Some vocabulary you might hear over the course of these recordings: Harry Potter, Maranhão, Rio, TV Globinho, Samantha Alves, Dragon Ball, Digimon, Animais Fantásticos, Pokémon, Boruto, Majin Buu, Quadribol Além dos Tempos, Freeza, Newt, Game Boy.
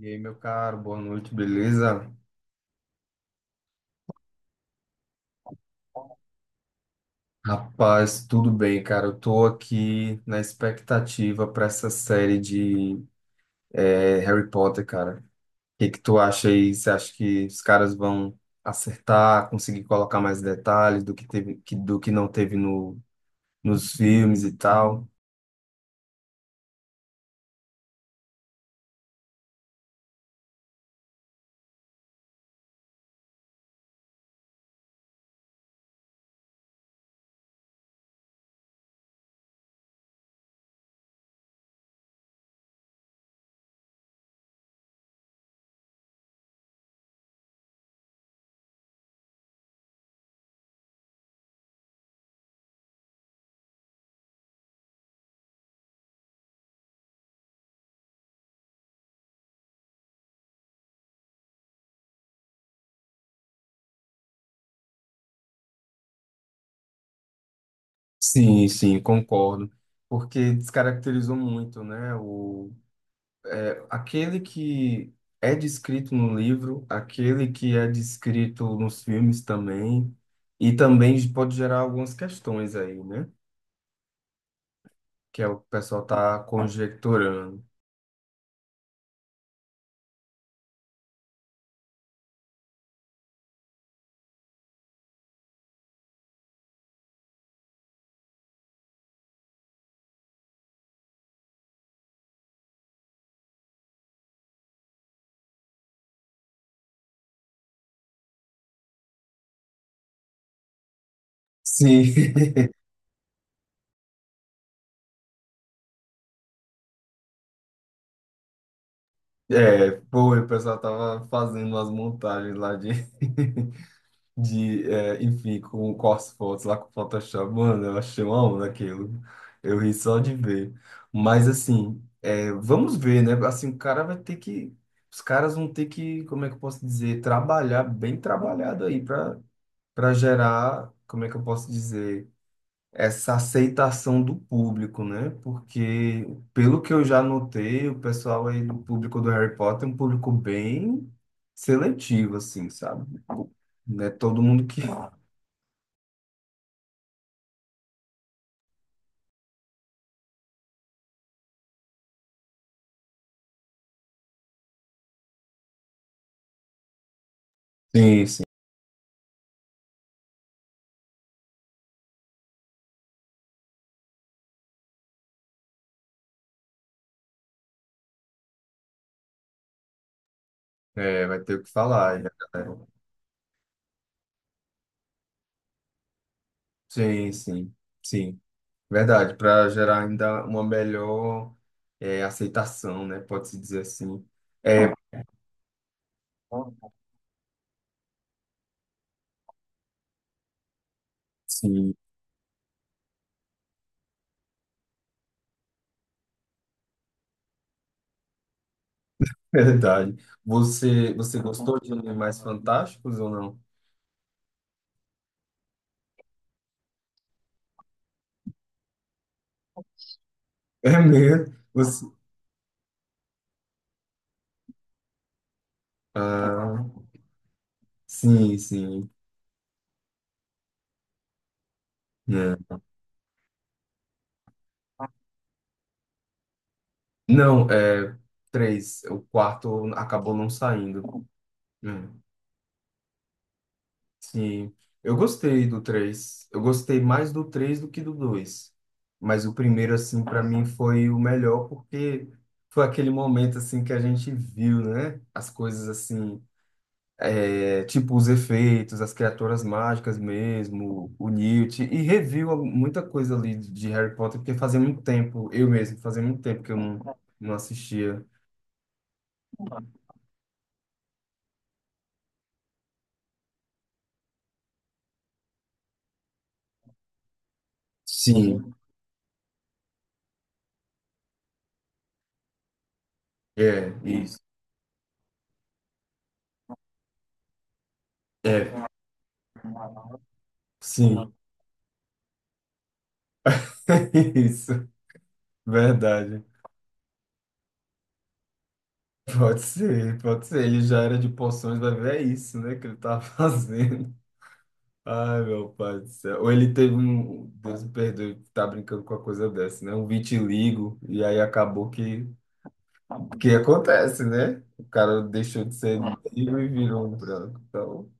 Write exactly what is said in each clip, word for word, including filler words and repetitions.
E aí, meu caro, boa noite, beleza? Rapaz, tudo bem, cara. Eu tô aqui na expectativa para essa série de eh, Harry Potter, cara. O que que tu acha aí? Você acha que os caras vão acertar, conseguir colocar mais detalhes do que teve, que- do que não teve no, nos filmes e tal? Sim, sim, concordo. Porque descaracterizou muito, né? É, aquele que é descrito no livro, aquele que é descrito nos filmes também, e também pode gerar algumas questões aí, né? Que é o que o pessoal tá conjecturando. Sim, é, foi, o pessoal tava fazendo as montagens lá de de, é, enfim, com, com as fotos lá com o Photoshop, mano, eu achei uma onda aquilo. Eu ri só de ver. Mas, assim, é, vamos ver, né? Assim, o cara vai ter que. Os caras vão ter que, como é que eu posso dizer, trabalhar bem trabalhado aí para para gerar, como é que eu posso dizer, essa aceitação do público, né? Porque, pelo que eu já notei, o pessoal aí do público do Harry Potter é um público bem seletivo, assim, sabe? Não é todo mundo que. Sim, sim. É, vai ter o que falar, né, galera? Sim, sim, sim. Verdade, para gerar ainda uma melhor é, aceitação, né? Pode-se dizer assim. É, sim, verdade. Você, você gostou de Animais Fantásticos ou não? É mesmo? Você... Ah, sim, sim. É. Não, é três. O quarto acabou não saindo. É. Sim, eu gostei do três. Eu gostei mais do três do que do dois. Mas o primeiro, assim, para mim foi o melhor, porque foi aquele momento, assim, que a gente viu, né? As coisas, assim, é, tipo os efeitos, as criaturas mágicas mesmo, o Newt, e reviu al- muita coisa ali de de Harry Potter, porque fazia muito tempo, eu mesmo, fazia muito tempo que eu não, não assistia. Sim, é, isso. É, sim, isso, verdade. Pode ser, pode ser. Ele já era de poções, vai ver, é isso, né, que ele tá fazendo. Ai, meu pai do céu. Ou ele teve um, Deus me perdoe, tá brincando com a coisa dessa, né? Um vitiligo, e aí acabou que, que acontece, né? O cara deixou de ser negro e virou um branco. Então,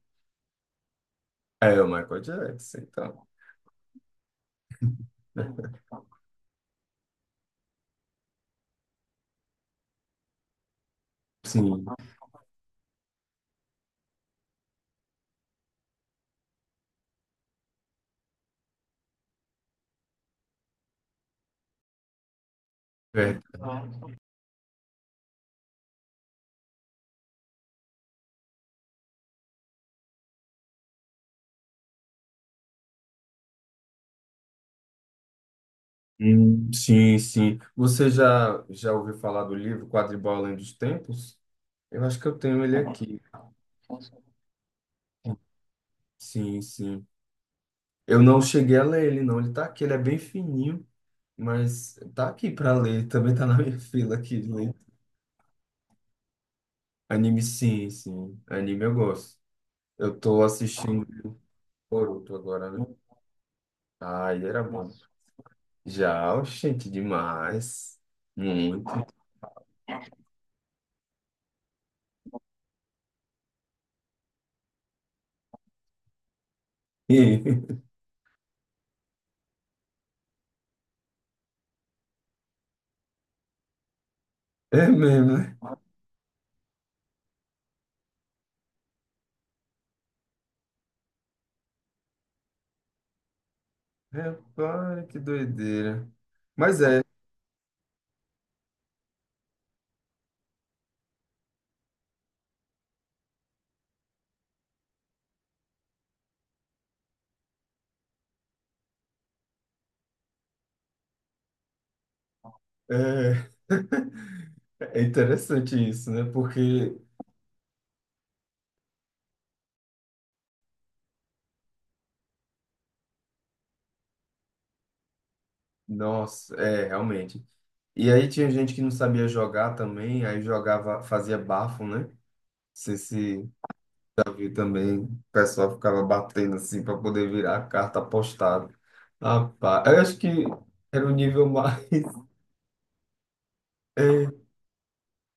é o Michael Jackson, então, né? Sim, é. Hum, sim, sim. Você já, já ouviu falar do livro Quadribol Além dos Tempos? Eu acho que eu tenho ele aqui. Sim, sim. Eu não cheguei a ler ele, não. Ele tá aqui, ele é bem fininho, mas tá aqui pra ler. Também tá na minha fila aqui de ler. Anime, sim, sim. Anime eu gosto. Eu tô assistindo Boruto agora, né? Ai, era bom. Já, gente, demais. Muito. E- É mesmo, né? Rapaz, que doideira. Mas é, é, é interessante isso, né? Porque, nossa, é, realmente. E aí tinha gente que não sabia jogar também, aí jogava, fazia bafo, né? Não sei se já viu também, o pessoal ficava batendo assim para poder virar a carta apostada. Rapaz, eu acho que era o nível mais. É,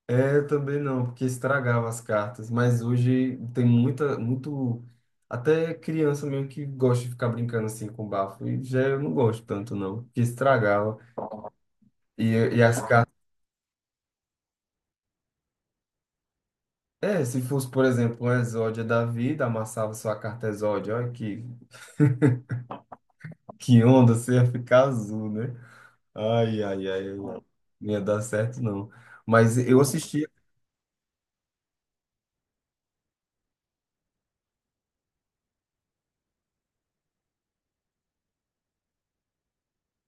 é, eu também não, porque estragava as cartas. Mas hoje tem muita, muito. Até criança mesmo que gosta de ficar brincando assim com bafo. E já eu não gosto tanto, não, porque estragava. E, e as cartas. É, se fosse, por exemplo, um exódio da vida, amassava sua carta exódio, olha que, que onda, você ia ficar azul, né? Ai, ai, ai, ai, não ia dar certo, não. Mas eu assistia,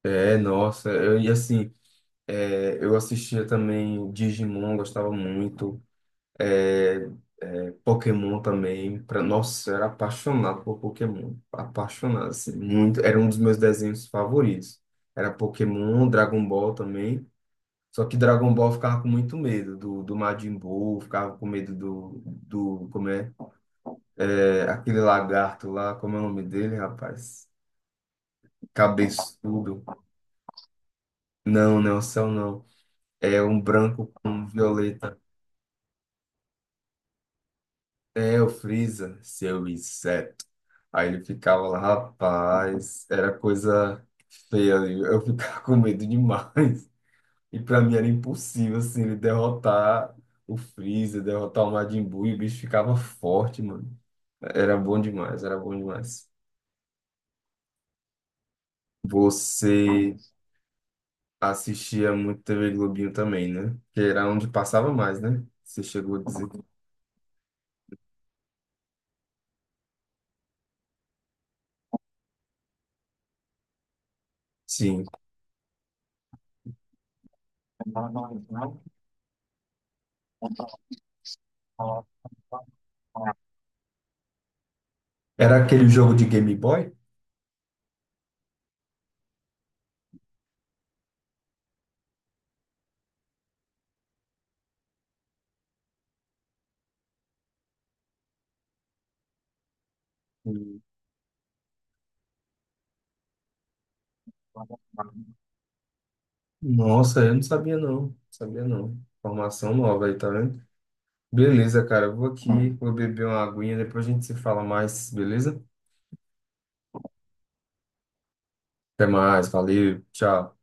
é, nossa, eu, e assim, é, eu assistia também Digimon, gostava muito, é, é, Pokémon também, pra, nossa, eu era apaixonado por Pokémon, apaixonado, assim, muito, era um dos meus desenhos favoritos. Era Pokémon, Dragon Ball também. Só que Dragon Ball eu ficava com muito medo do, do Majin Buu, ficava com medo do, do como é, é, aquele lagarto lá, como é o nome dele, rapaz? Cabeçudo. Não, não, céu não. É um branco com violeta. É o Freeza, seu inseto. Aí ele ficava lá, rapaz, era coisa feia ali. Eu ficava com medo demais. E pra mim era impossível, assim, ele derrotar o Freeza, derrotar o Majin Buu, e o bicho ficava forte, mano. Era bom demais, era bom demais. Você assistia muito T V Globinho também, né? Que era onde passava mais, né? Você chegou a dizer. Sim. Era aquele jogo de Game Boy? Nossa, eu não sabia, não. Não sabia, não. Formação nova aí, tá vendo? Beleza, cara. Eu vou aqui, vou beber uma aguinha, depois a gente se fala mais, beleza? Até mais, valeu, tchau.